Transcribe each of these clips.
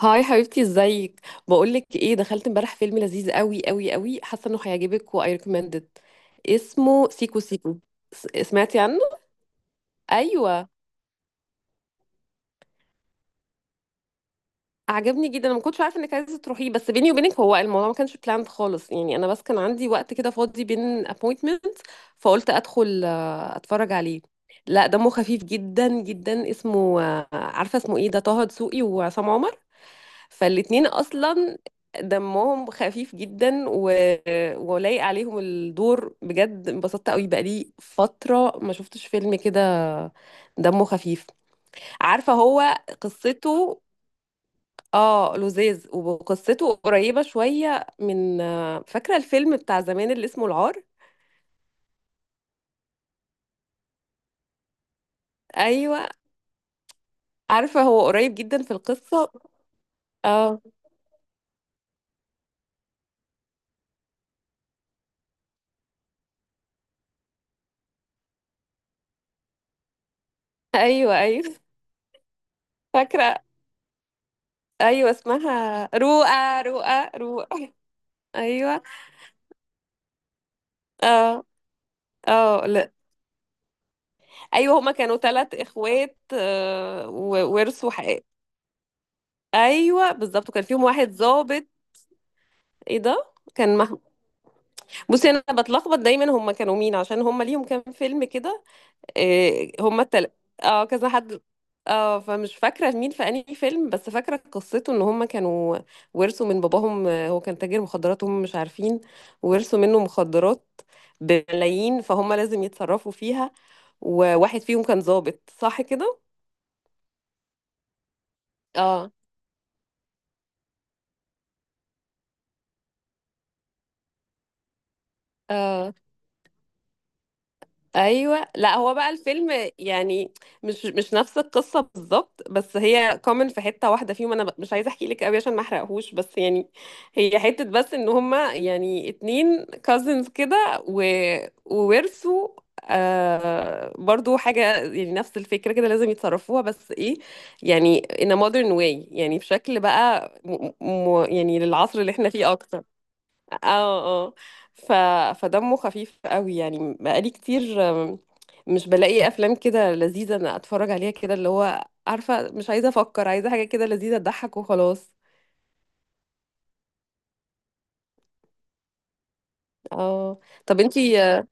هاي حبيبتي ازيك؟ بقولك ايه، دخلت امبارح فيلم لذيذ قوي قوي قوي، حاسه انه هيعجبك واي ريكومندد. اسمه سيكو سيكو. سمعتي عنه؟ ايوه، عجبني جدا. انا ما كنتش عارفه انك عايزه تروحيه، بس بيني وبينك هو الموضوع ما كانش بلاند خالص، يعني انا بس كان عندي وقت كده فاضي بين appointments، فقلت ادخل اتفرج عليه. لا دمه خفيف جدا جدا، اسمه عارفه اسمه ايه، ده طه دسوقي وعصام عمر، فالاتنين اصلا دمهم خفيف جدا ولايق عليهم الدور بجد. انبسطت قوي، بقالي فترة ما شفتش فيلم كده دمه خفيف. عارفة هو قصته؟ اه لذيذ، وقصته قريبة شوية من، فاكرة الفيلم بتاع زمان اللي اسمه العار؟ ايوه. عارفة هو قريب جدا في القصة. اه، ايوه ايوه، فاكرة. ايوه اسمها رؤى رؤى رؤى. ايوه. اه اه، لا ايوه، هما كانوا ثلاث اخوات وورثوا حق. ايوه بالظبط، وكان فيهم واحد ظابط. ايه ده كان بصي انا بتلخبط دايما، هما كانوا مين؟ عشان هما ليهم كام فيلم كده. آه، هما التل... اه كذا حد. اه، فمش فاكره مين في انهي فيلم، بس فاكره قصته ان هما كانوا ورثوا من باباهم، هو كان تاجر مخدرات هم مش عارفين، ورثوا منه مخدرات بملايين، فهم لازم يتصرفوا فيها. وواحد فيهم كان ظابط صح كده. اه اه. ايوه. لا هو بقى الفيلم يعني مش نفس القصه بالظبط، بس هي كومن في حته واحده فيهم. انا مش عايزه احكي لك قوي عشان ما احرقهوش، بس يعني هي حته بس ان هما يعني اتنين كازنز كده وورثوا، آه برضو حاجه، يعني نفس الفكره كده لازم يتصرفوها، بس ايه، يعني in a modern way، يعني بشكل بقى يعني للعصر اللي احنا فيه اكتر. اه اه. ف... فدمه خفيف قوي. يعني بقالي كتير مش بلاقي افلام كده لذيذه انا اتفرج عليها كده، اللي هو عارفه مش عايزه افكر، عايزه حاجه كده لذيذه تضحك وخلاص. اه. طب انتي،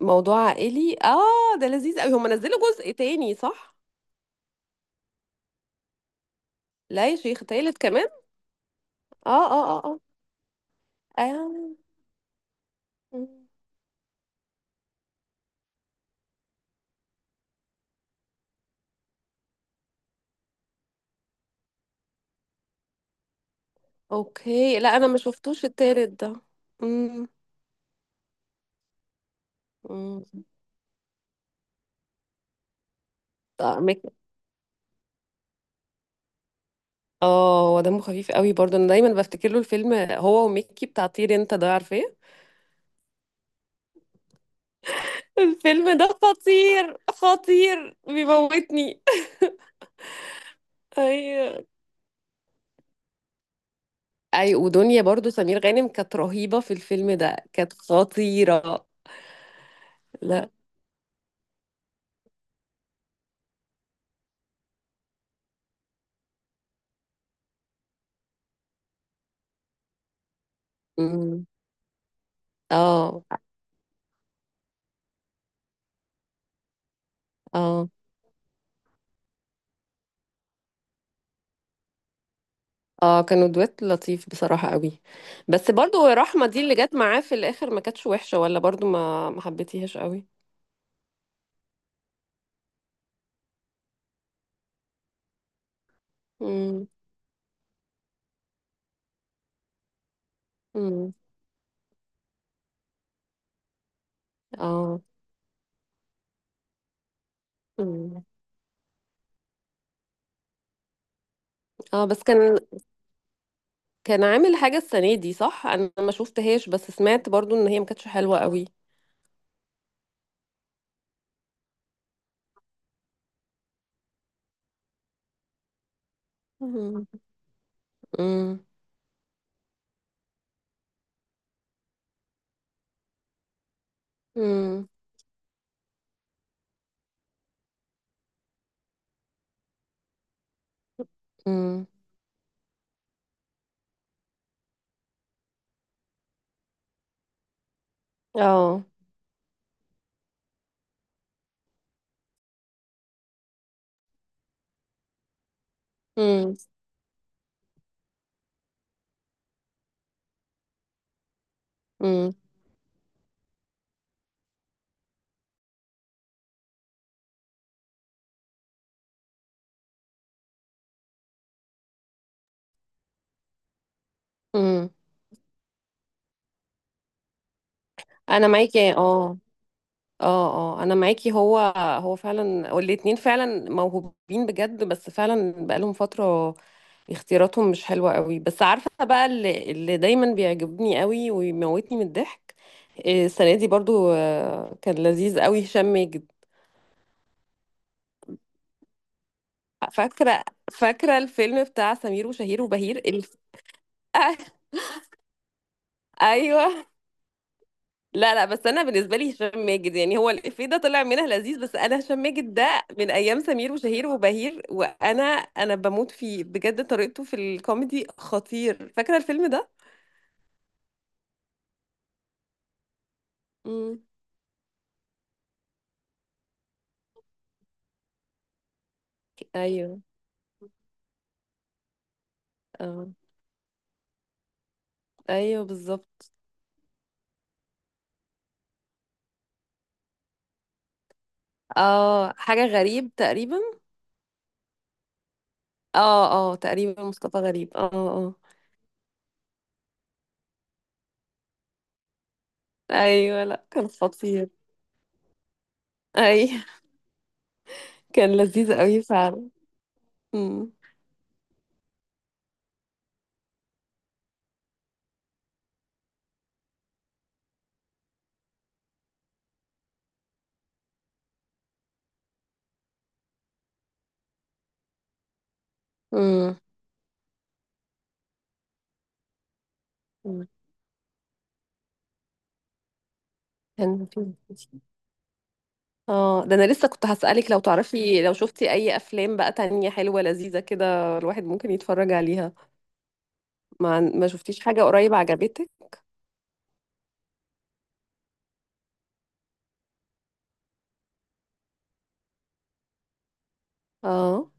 موضوع عائلي، اه ده لذيذ قوي. هم نزلوا جزء تاني صح؟ لا يا شيخ، تالت كمان؟ اه اه اه. اه مم. اوكي، لا انا ما شفتوش التالت ده. امم. امم. اه هو دمه خفيف قوي برضه. انا دايما بفتكر له الفيلم هو وميكي بتاع طير انت، ده عارفاه؟ الفيلم ده خطير خطير، بيموتني. ايوه. اي، ودنيا برضه سمير غانم كانت رهيبة في الفيلم ده، كانت خطيرة. لا. أمم. اه اه. اه كانوا دويت لطيف بصراحة قوي. بس برضه رحمة دي اللي جت معاه في الاخر ما كانتش وحشة، ولا برضه ما حبيتيهاش قوي. امم. امم. اه. أمم. اه بس كان، كان عامل حاجة السنة دي صح؟ انا ما شفتهاش، بس سمعت برضو ان هي ما كانتش حلوة قوي. مم. مم. مم. مم. اه. مم. مم. مم. انا معاكي اه. اه اه انا معاكي، هو هو فعلا، والاتنين فعلا موهوبين بجد، بس فعلا بقالهم فترة اختياراتهم مش حلوة قوي. بس عارفة بقى اللي دايما بيعجبني قوي ويموتني من الضحك، السنة دي برضو كان لذيذ قوي هشام ماجد. فاكرة، فاكرة الفيلم بتاع سمير وشهير وبهير الف...؟ آه، ايوه. لا لا، بس انا بالنسبة لي هشام ماجد، يعني هو الإفيه ده طلع منها لذيذ، بس انا هشام ماجد ده من ايام سمير وشهير وبهير، وانا بموت فيه بجد، طريقته في الكوميدي خطير. فاكرة الفيلم ده؟ امم. ايوه. اه. ايوه بالظبط. اه حاجة غريب تقريبا. اه اه تقريبا مصطفى غريب، اه اه. ايوه لا كان خطير. اي كان لذيذ قوي فعلا. امم. أمم. كان في، اه ده انا لسه كنت هسألك، لو تعرفي لو شفتي اي افلام بقى تانية حلوة لذيذة كده الواحد ممكن يتفرج عليها. ما شفتيش حاجة قريب عجبتك؟ اه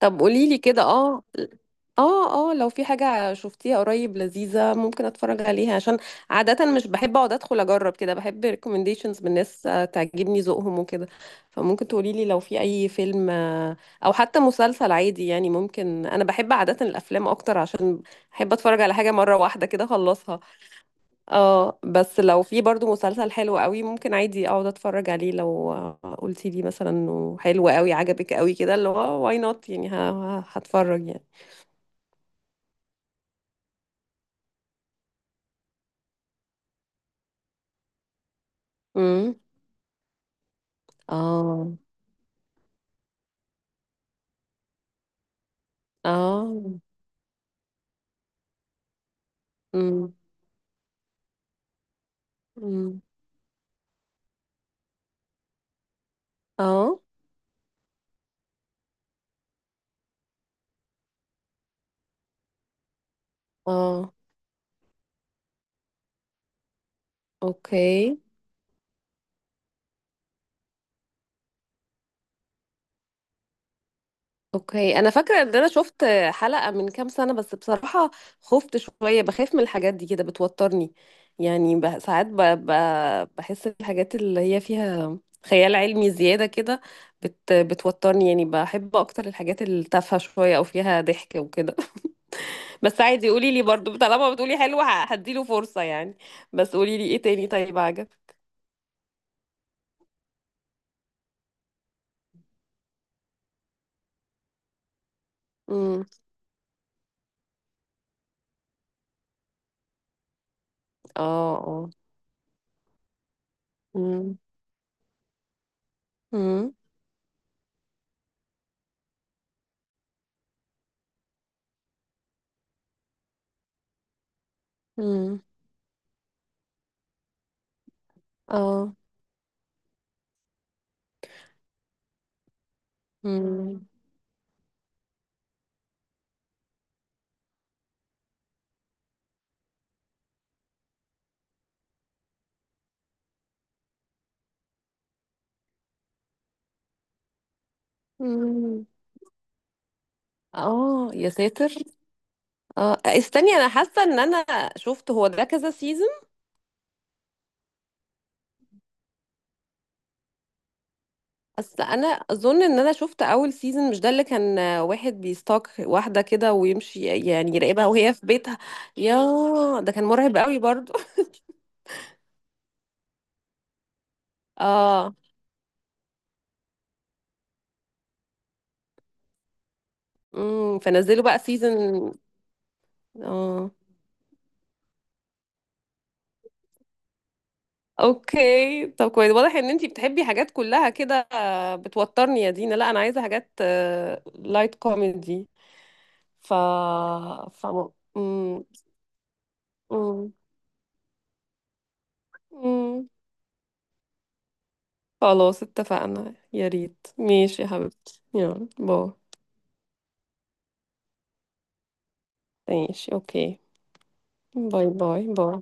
طب قولي لي كده. اه اه، اه لو في حاجة شفتيها قريب لذيذة ممكن اتفرج عليها، عشان عادة مش بحب اقعد ادخل اجرب كده، بحب recommendations من ناس تعجبني ذوقهم وكده، فممكن تقولي لي لو في اي فيلم، او حتى مسلسل عادي يعني. ممكن انا بحب عادة الافلام اكتر، عشان بحب اتفرج على حاجة مرة واحدة كده اخلصها. اه، بس لو في برضو مسلسل حلو قوي ممكن عادي اقعد اتفرج عليه، لو قلتي لي مثلا انه حلو قوي عجبك قوي كده، اللي هو واي نوت يعني، هتفرج يعني. امم. اه اه. امم. امم. اه اه. اوكي. اوكي انا فاكره ان انا شفت حلقه من كام سنه، بس بصراحه خفت شويه. بخاف من الحاجات دي كده، بتوترني. يعني ساعات بحس الحاجات اللي هي فيها خيال علمي زياده كده بتوترني. يعني بحب اكتر الحاجات التافهه شويه او فيها ضحك وكده. بس عادي، قولي لي برضو، طالما بتقولي حلو هديله فرصه يعني. بس قولي لي ايه تاني طيب عجب. امم. اه اه. امم. امم. امم. اه. امم. اه يا ساتر. اه استني، انا حاسه ان انا شفت، هو ده كذا سيزون. اصل انا اظن ان انا شفت اول سيزون، مش ده اللي كان واحد بيستاك واحده كده ويمشي، يعني يراقبها وهي في بيتها؟ يا، ده كان مرعب قوي برضو. اه. فنزلوا بقى سيزون. اه اوكي، طب كويس. واضح ان انتي بتحبي حاجات كلها كده بتوترني يا دينا. لا انا عايزه حاجات لايت كوميدي، ف ف امم. مم. خلاص اتفقنا، يا ريت، ماشي يا حبيبتي، يلا باي. ماشي اوكي. باي باي باي.